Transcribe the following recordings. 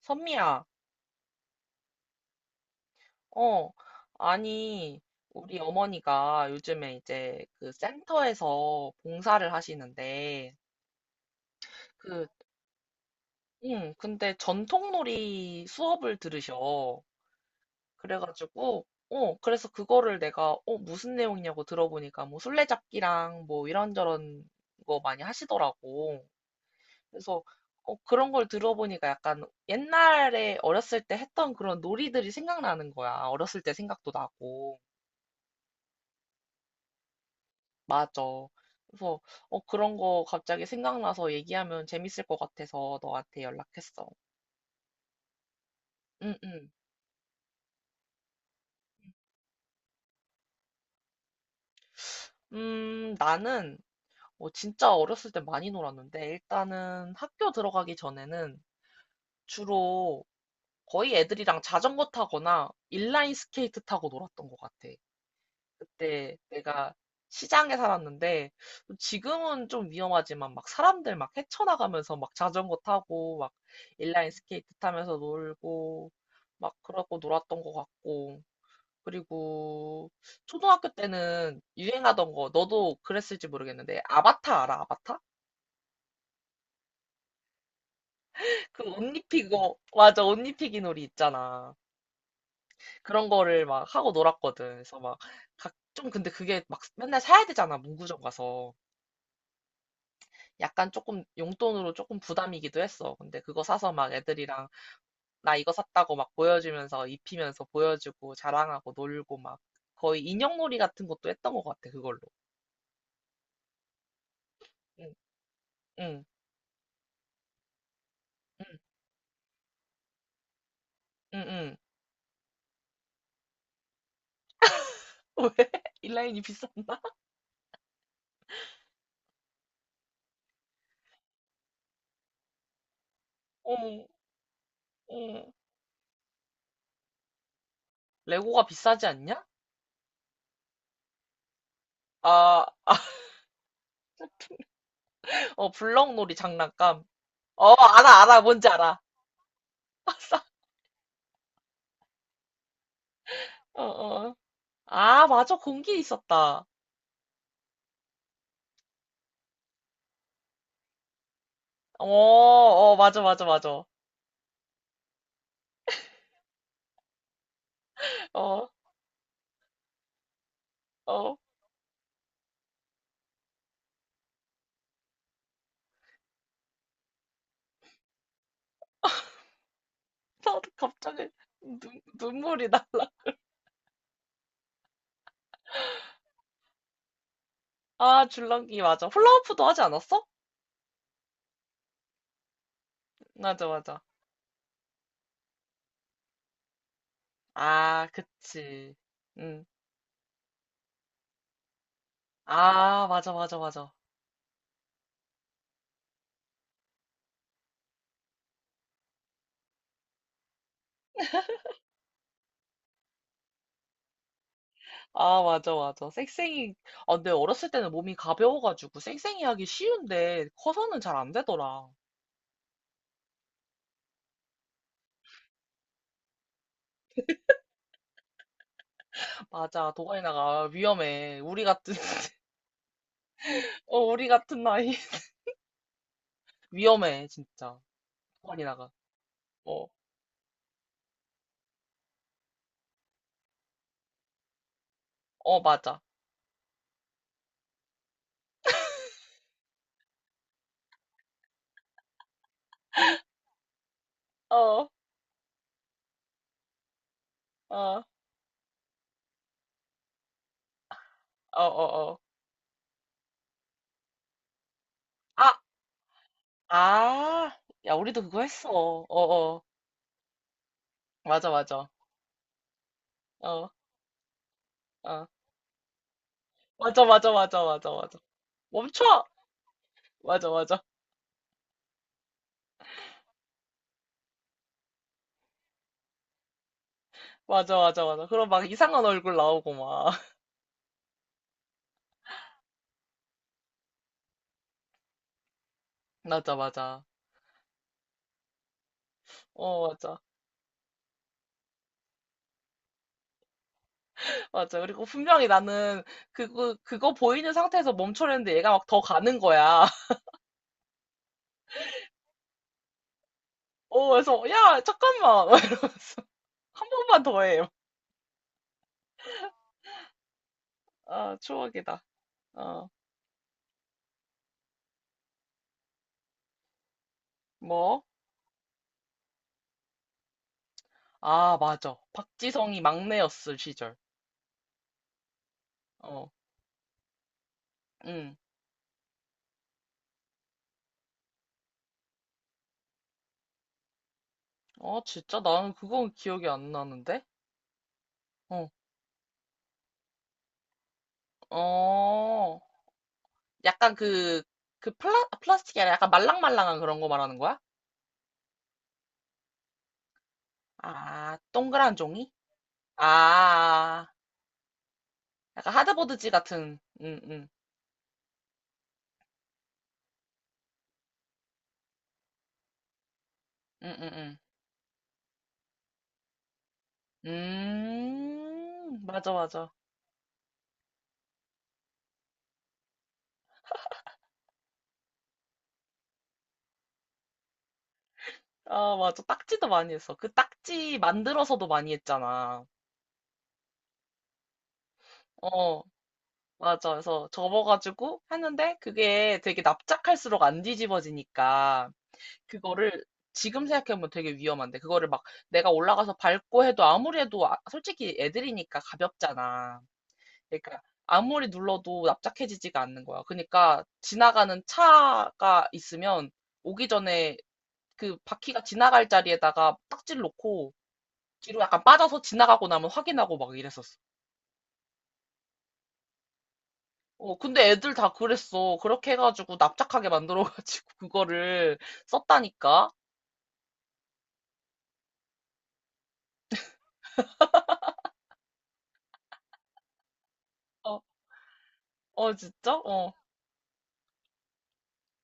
선미야, 어, 아니, 우리 어머니가 요즘에 이제 그 센터에서 봉사를 하시는데, 그, 응, 근데 전통놀이 수업을 들으셔. 그래가지고, 그래서 그거를 내가, 무슨 내용이냐고 들어보니까 뭐 술래잡기랑 뭐 이런저런 거 많이 하시더라고. 그래서, 그런 걸 들어보니까 약간 옛날에 어렸을 때 했던 그런 놀이들이 생각나는 거야. 어렸을 때 생각도 나고. 맞아. 그래서 그런 거 갑자기 생각나서 얘기하면 재밌을 것 같아서 너한테 연락했어. 응, 응. 나는 진짜 어렸을 때 많이 놀았는데 일단은 학교 들어가기 전에는 주로 거의 애들이랑 자전거 타거나 인라인 스케이트 타고 놀았던 것 같아. 그때 내가 시장에 살았는데 지금은 좀 위험하지만 막 사람들 막 헤쳐나가면서 막 자전거 타고 막 인라인 스케이트 타면서 놀고 막 그러고 놀았던 것 같고, 그리고 초등학교 때는 유행하던 거 너도 그랬을지 모르겠는데, 아바타 알아? 아바타? 그옷 입히고, 맞아, 옷 입히기 놀이 있잖아. 그런 거를 막 하고 놀았거든. 그래서 막 각 좀, 근데 그게 막 맨날 사야 되잖아. 문구점 가서 약간 조금 용돈으로 조금 부담이기도 했어. 근데 그거 사서 막 애들이랑 나 이거 샀다고 막 보여주면서 입히면서 보여주고 자랑하고 놀고 막 거의 인형놀이 같은 것도 했던 것 같아, 그걸로. 응, 응, 응, 응, 응. 왜? 인라인이 비쌌나? 어, 어. 레고가 비싸지 않냐? 아, 아, 어, 블럭놀이 장난감. 어, 알아, 알아, 뭔지 알아. 어, 어. 아, 맞아, 공기 있었다. 어, 어, 맞아, 맞아, 맞아. 어, 어. 나도 갑자기 눈물이 날라. 아, 줄넘기 맞아. 훌라후프도 하지 않았어? 맞아, 맞아. 아, 그치. 응. 아, 맞아, 맞아, 맞아. 아, 맞아, 맞아. 쌩쌩이. 아, 근데 어렸을 때는 몸이 가벼워가지고 쌩쌩이 하기 쉬운데 커서는 잘 안 되더라. 맞아, 도가니나가, 아, 위험해. 우리 같은, 어, 우리 같은 나이. 위험해, 진짜. 도가니나가. 어, 어, 맞아. 어, 어, 어, 어, 어. 아, 아, 야, 우리도 그거 했어. 어어. 맞아, 맞아. 어, 어. 맞아, 맞아, 맞아, 맞아, 맞아. 멈춰! 맞아, 맞아. 맞아, 맞아, 맞아. 그럼 막 이상한 얼굴 나오고 막. 맞아, 맞아. 어, 맞아. 맞아. 그리고 분명히 나는 그거 보이는 상태에서 멈춰려는데 얘가 막 더 가는 거야. 어, 그래서, 야, 잠깐만. 막 이러면서. 한 번만 더 해. 아, 추억이다. 어, 뭐? 아, 맞아. 박지성이 막내였을 시절. 어, 응. 아, 진짜? 나는 그건 기억이 안 나는데? 어, 어, 약간 그 플라스틱이 아니라 약간 말랑말랑한 그런 거 말하는 거야? 아, 동그란 종이? 아, 약간 하드보드지 같은, 응, 응, 응, 응, 응. 맞아, 맞아. 아, 맞아. 딱지도 많이 했어. 그 딱지 만들어서도 많이 했잖아. 어, 맞아. 그래서 접어가지고 했는데 그게 되게 납작할수록 안 뒤집어지니까. 그거를 지금 생각해보면 되게 위험한데 그거를 막 내가 올라가서 밟고 해도 아무리 해도 솔직히 애들이니까 가볍잖아. 그러니까 아무리 눌러도 납작해지지가 않는 거야. 그러니까 지나가는 차가 있으면 오기 전에 그 바퀴가 지나갈 자리에다가 딱지를 놓고 뒤로 약간 빠져서 지나가고 나면 확인하고 막 이랬었어. 어, 근데 애들 다 그랬어. 그렇게 해가지고 납작하게 만들어가지고 그거를 썼다니까. 어, 어, 진짜? 어,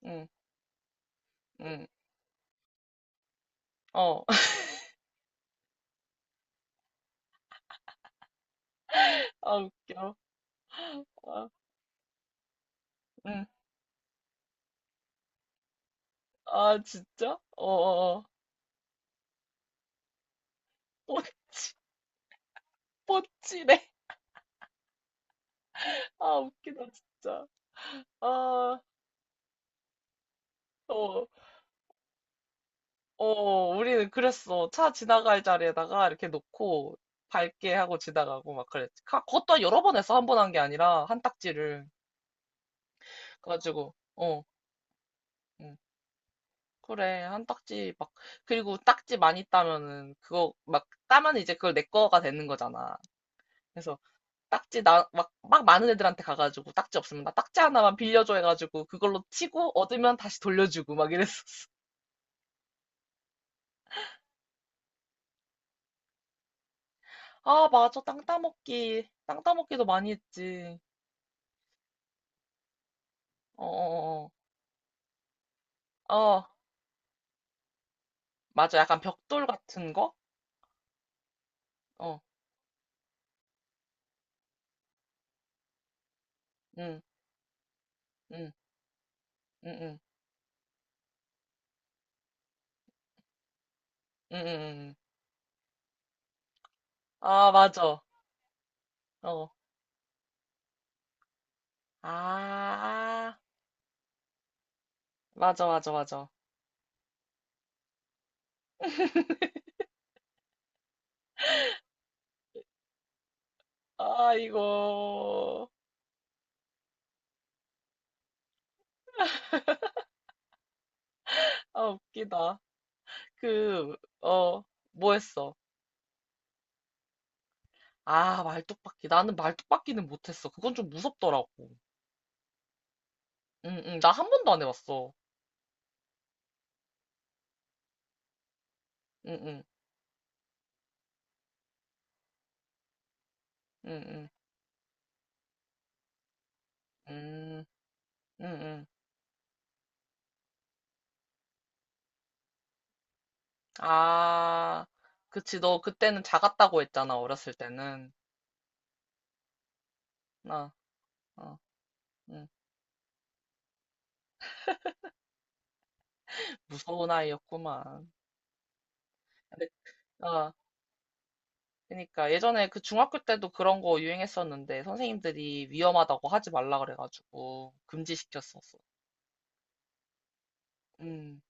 응, 응, 어. 아, 웃겨. 아, 응. 아, 진짜? 어어어. 뽀찌, 뽀찌래. 아, 웃기다, 진짜. 아, 어, 어, 우리는 그랬어. 차 지나갈 자리에다가 이렇게 놓고 밟게 하고 지나가고 막 그랬지. 그것도 여러 번 했어. 한 번 한게 아니라, 한 딱지를. 그래가지고, 어, 응. 그래, 한 딱지 막, 그리고 딱지 많이 따면은, 그거 막 따면 이제 그걸 내 거가 되는 거잖아. 딱지 나, 막, 막 많은 애들한테 가가지고 딱지 없으면 나 딱지 하나만 빌려줘 해가지고 그걸로 치고 얻으면 다시 돌려주고 막 이랬었어. 아, 맞아. 땅 따먹기. 땅 따먹기도 많이 했지. 어어어, 어, 어, 어. 어, 맞아. 약간 벽돌 같은 거? 어, 응, 응, 응, 응, 응, 응. 응. 응. 아, 맞아. 어. 아, 맞아, 맞아, 맞아. 아, 이거. 아, 웃기다. 그, 어, 뭐 했어? 아, 말뚝박기. 나는 말뚝박기는 못했어. 그건 좀 무섭더라고. 응, 응. 나 한 번도 안 해봤어. 응, 응, 응, 응, 응, 응, 응. 아, 그치. 너 그때는 작았다고 했잖아. 어렸을 때는. 아, 어, 응. 무서운 아이였구만. 근데, 아, 그러니까 예전에 그 중학교 때도 그런 거 유행했었는데 선생님들이 위험하다고 하지 말라 그래가지고 금지시켰었어. 음,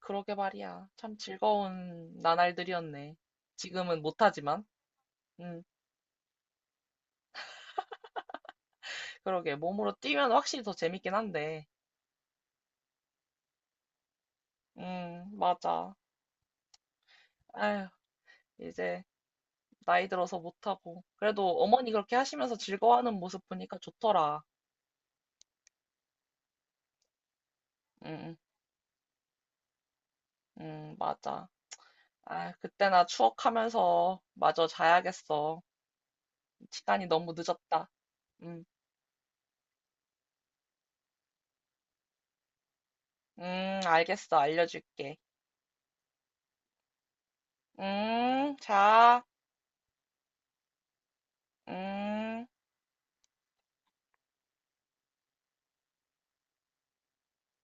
그러게 말이야. 참 즐거운 나날들이었네. 지금은 못하지만. 음, 그러게. 몸으로 뛰면 확실히 더 재밌긴 한데. 맞아. 아휴, 이제 나이 들어서 못하고. 그래도 어머니 그렇게 하시면서 즐거워하는 모습 보니까 좋더라. 음, 맞아. 아, 그때나 추억하면서 마저 자야겠어. 시간이 너무 늦었다. 음, 알겠어. 알려줄게. 자, 음.